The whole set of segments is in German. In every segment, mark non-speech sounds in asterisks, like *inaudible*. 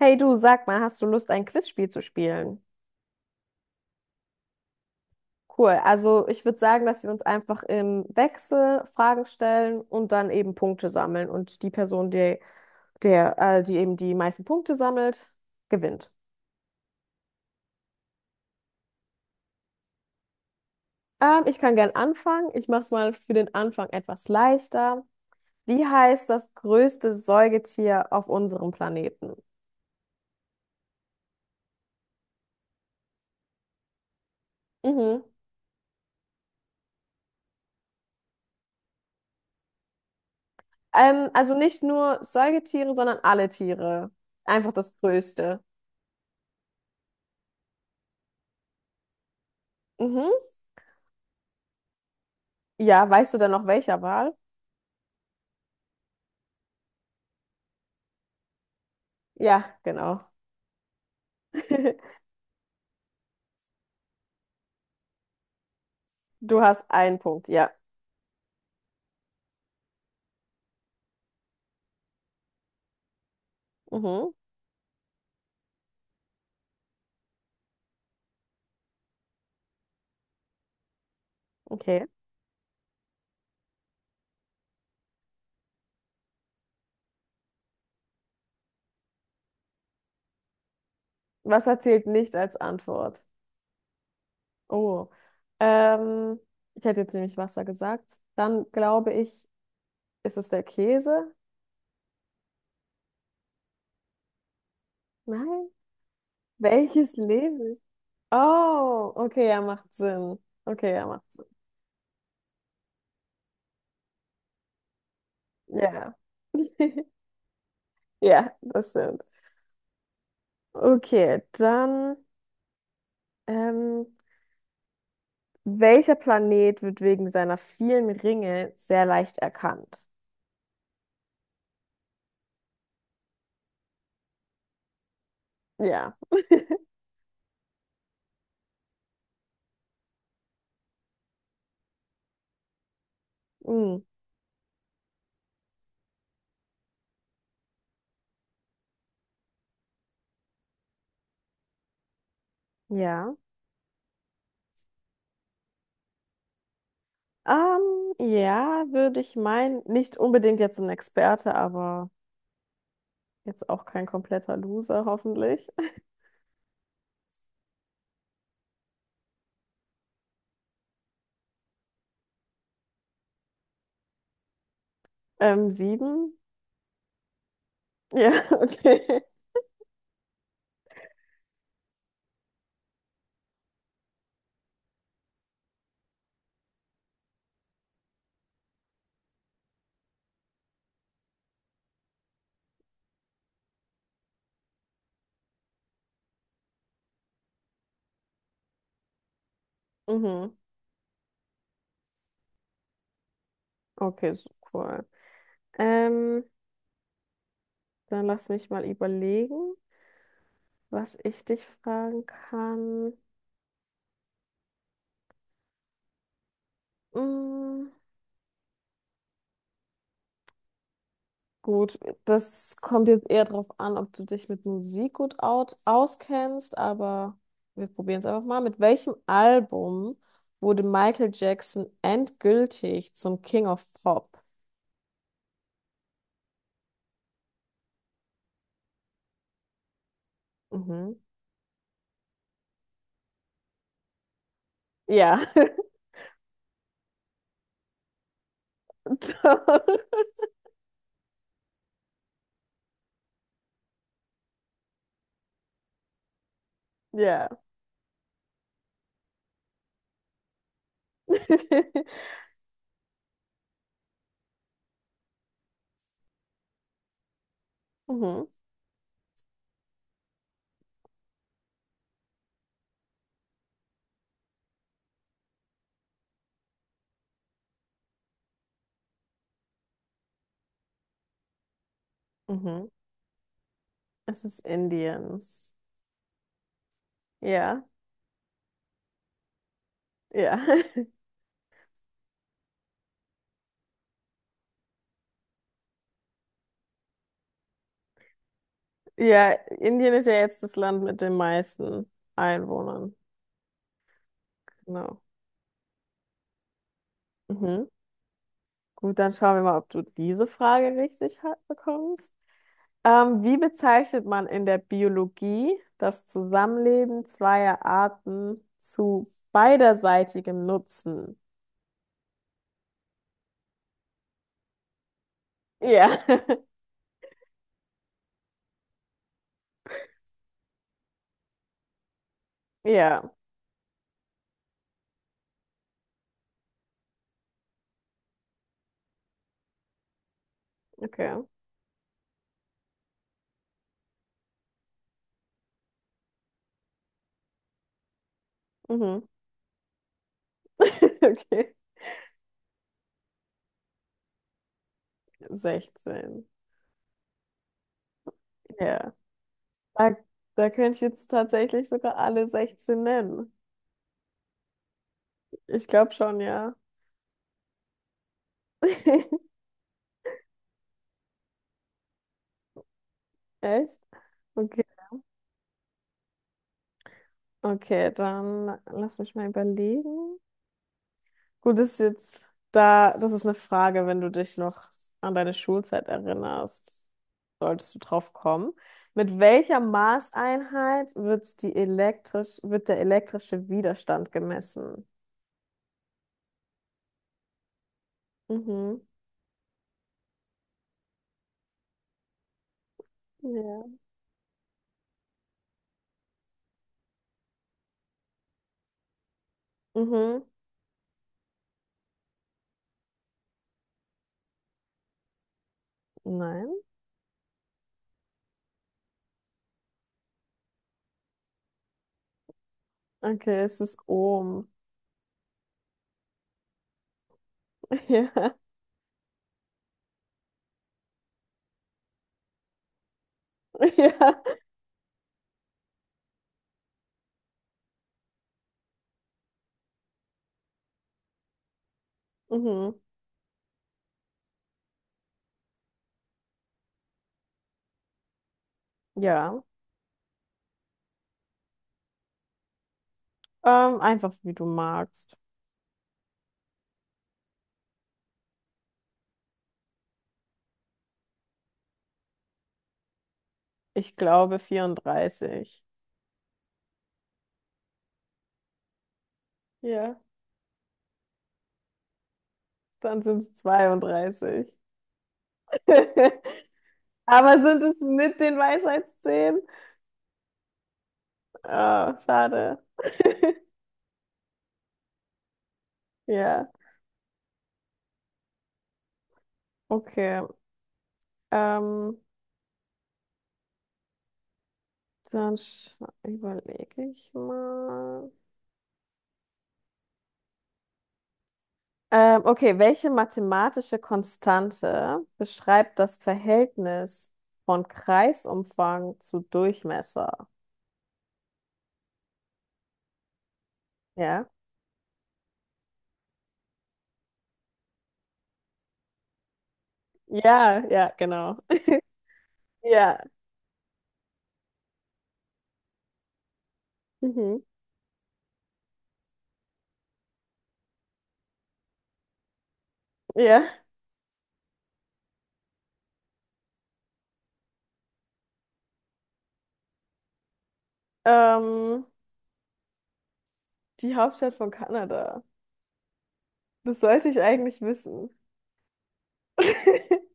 Hey du, sag mal, hast du Lust, ein Quizspiel zu spielen? Cool. Also ich würde sagen, dass wir uns einfach im Wechsel Fragen stellen und dann eben Punkte sammeln. Und die Person, die eben die meisten Punkte sammelt, gewinnt. Ich kann gern anfangen. Ich mache es mal für den Anfang etwas leichter. Wie heißt das größte Säugetier auf unserem Planeten? Mhm. Also nicht nur Säugetiere, sondern alle Tiere. Einfach das größte. Mhm. Ja, weißt du denn noch welcher Wal? Ja, genau. *laughs* Du hast einen Punkt, ja. Mhm, okay. Wasser zählt nicht als Antwort. Oh. Ähm, Ich hätte jetzt nämlich Wasser gesagt. Dann glaube ich, ist es der Käse? Nein. *laughs* Welches Lebens? Oh, okay, ja, macht Sinn. Okay, ja, macht Sinn. Ja. *laughs* Ja, das stimmt. Okay, dann, ähm, welcher Planet wird wegen seiner vielen Ringe sehr leicht erkannt? Ja. Hm. Ja. Ja, würde ich meinen, nicht unbedingt jetzt ein Experte, aber jetzt auch kein kompletter Loser, hoffentlich. *laughs* Sieben? Ja, *laughs* okay. Mhm. Okay, so cool. Ähm, Dann lass mich mal überlegen, was ich dich fragen kann. Mm. Gut, das kommt jetzt eher darauf an, ob du dich mit Musik gut out auskennst, aber wir probieren es einfach mal. Mit welchem Album wurde Michael Jackson endgültig zum King of Pop? Mhm. Ja. *laughs* Doch. Ja. *laughs* Mhm. Mhm. Es ist Indien. Ja. Ja. *laughs* Ja, Indien ist ja jetzt das Land mit den meisten Einwohnern. Genau. Mhm. Gut, dann schauen wir mal, ob du diese Frage richtig bekommst. Wie bezeichnet man in der Biologie das Zusammenleben zweier Arten zu beiderseitigem Nutzen? Ja, *laughs* ja, okay. Mhm. *laughs* Okay, 16. Ja, da, da könnte ich jetzt tatsächlich sogar alle 16 nennen. Ich glaube schon, ja. *laughs* Echt? Okay, okay, dann lass mich mal überlegen. Gut, das ist eine Frage, wenn du dich noch an deine Schulzeit erinnerst, solltest du drauf kommen. Mit welcher Maßeinheit wird der elektrische Widerstand gemessen? Mhm. Ja. Mhm. Nein. Okay, es ist Ohm. *laughs* Ja. Ja. Mhm. Ja. Einfach wie du magst. Ich glaube 34. Ja, dann sind es 32. *laughs* Aber sind es mit den Weisheitszähnen? Ah, schade. *laughs* Ja, okay. Ähm, Dann überlege ich mal. Okay, welche mathematische Konstante beschreibt das Verhältnis von Kreisumfang zu Durchmesser? Ja. Ja, ja, genau. Ja. Mhm. Ja. Ähm, Die Hauptstadt von Kanada. Das sollte ich eigentlich wissen. *laughs*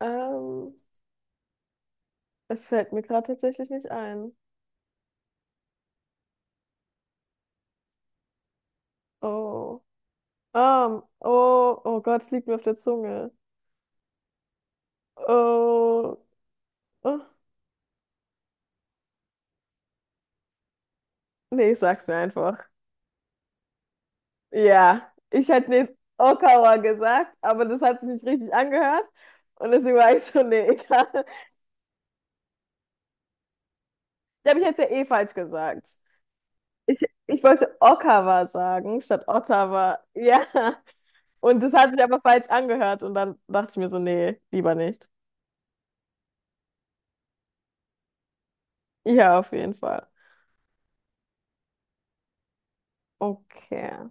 Ähm, Es fällt mir gerade tatsächlich nicht ein. Oh. Oh, oh Gott, es liegt mir auf der Zunge. Oh. Oh. Nee, ich sag's mir einfach. Ja, ich hätte nicht Okawa gesagt, aber das hat sich nicht richtig angehört. Und deswegen war ich so, nee, *laughs* egal. Ja, aber ich hätte ja eh falsch gesagt. Ich, ich wollte Okawa sagen, statt Ottawa. Ja. Und das hat sich aber falsch angehört. Und dann dachte ich mir so, nee, lieber nicht. Ja, auf jeden Fall. Okay.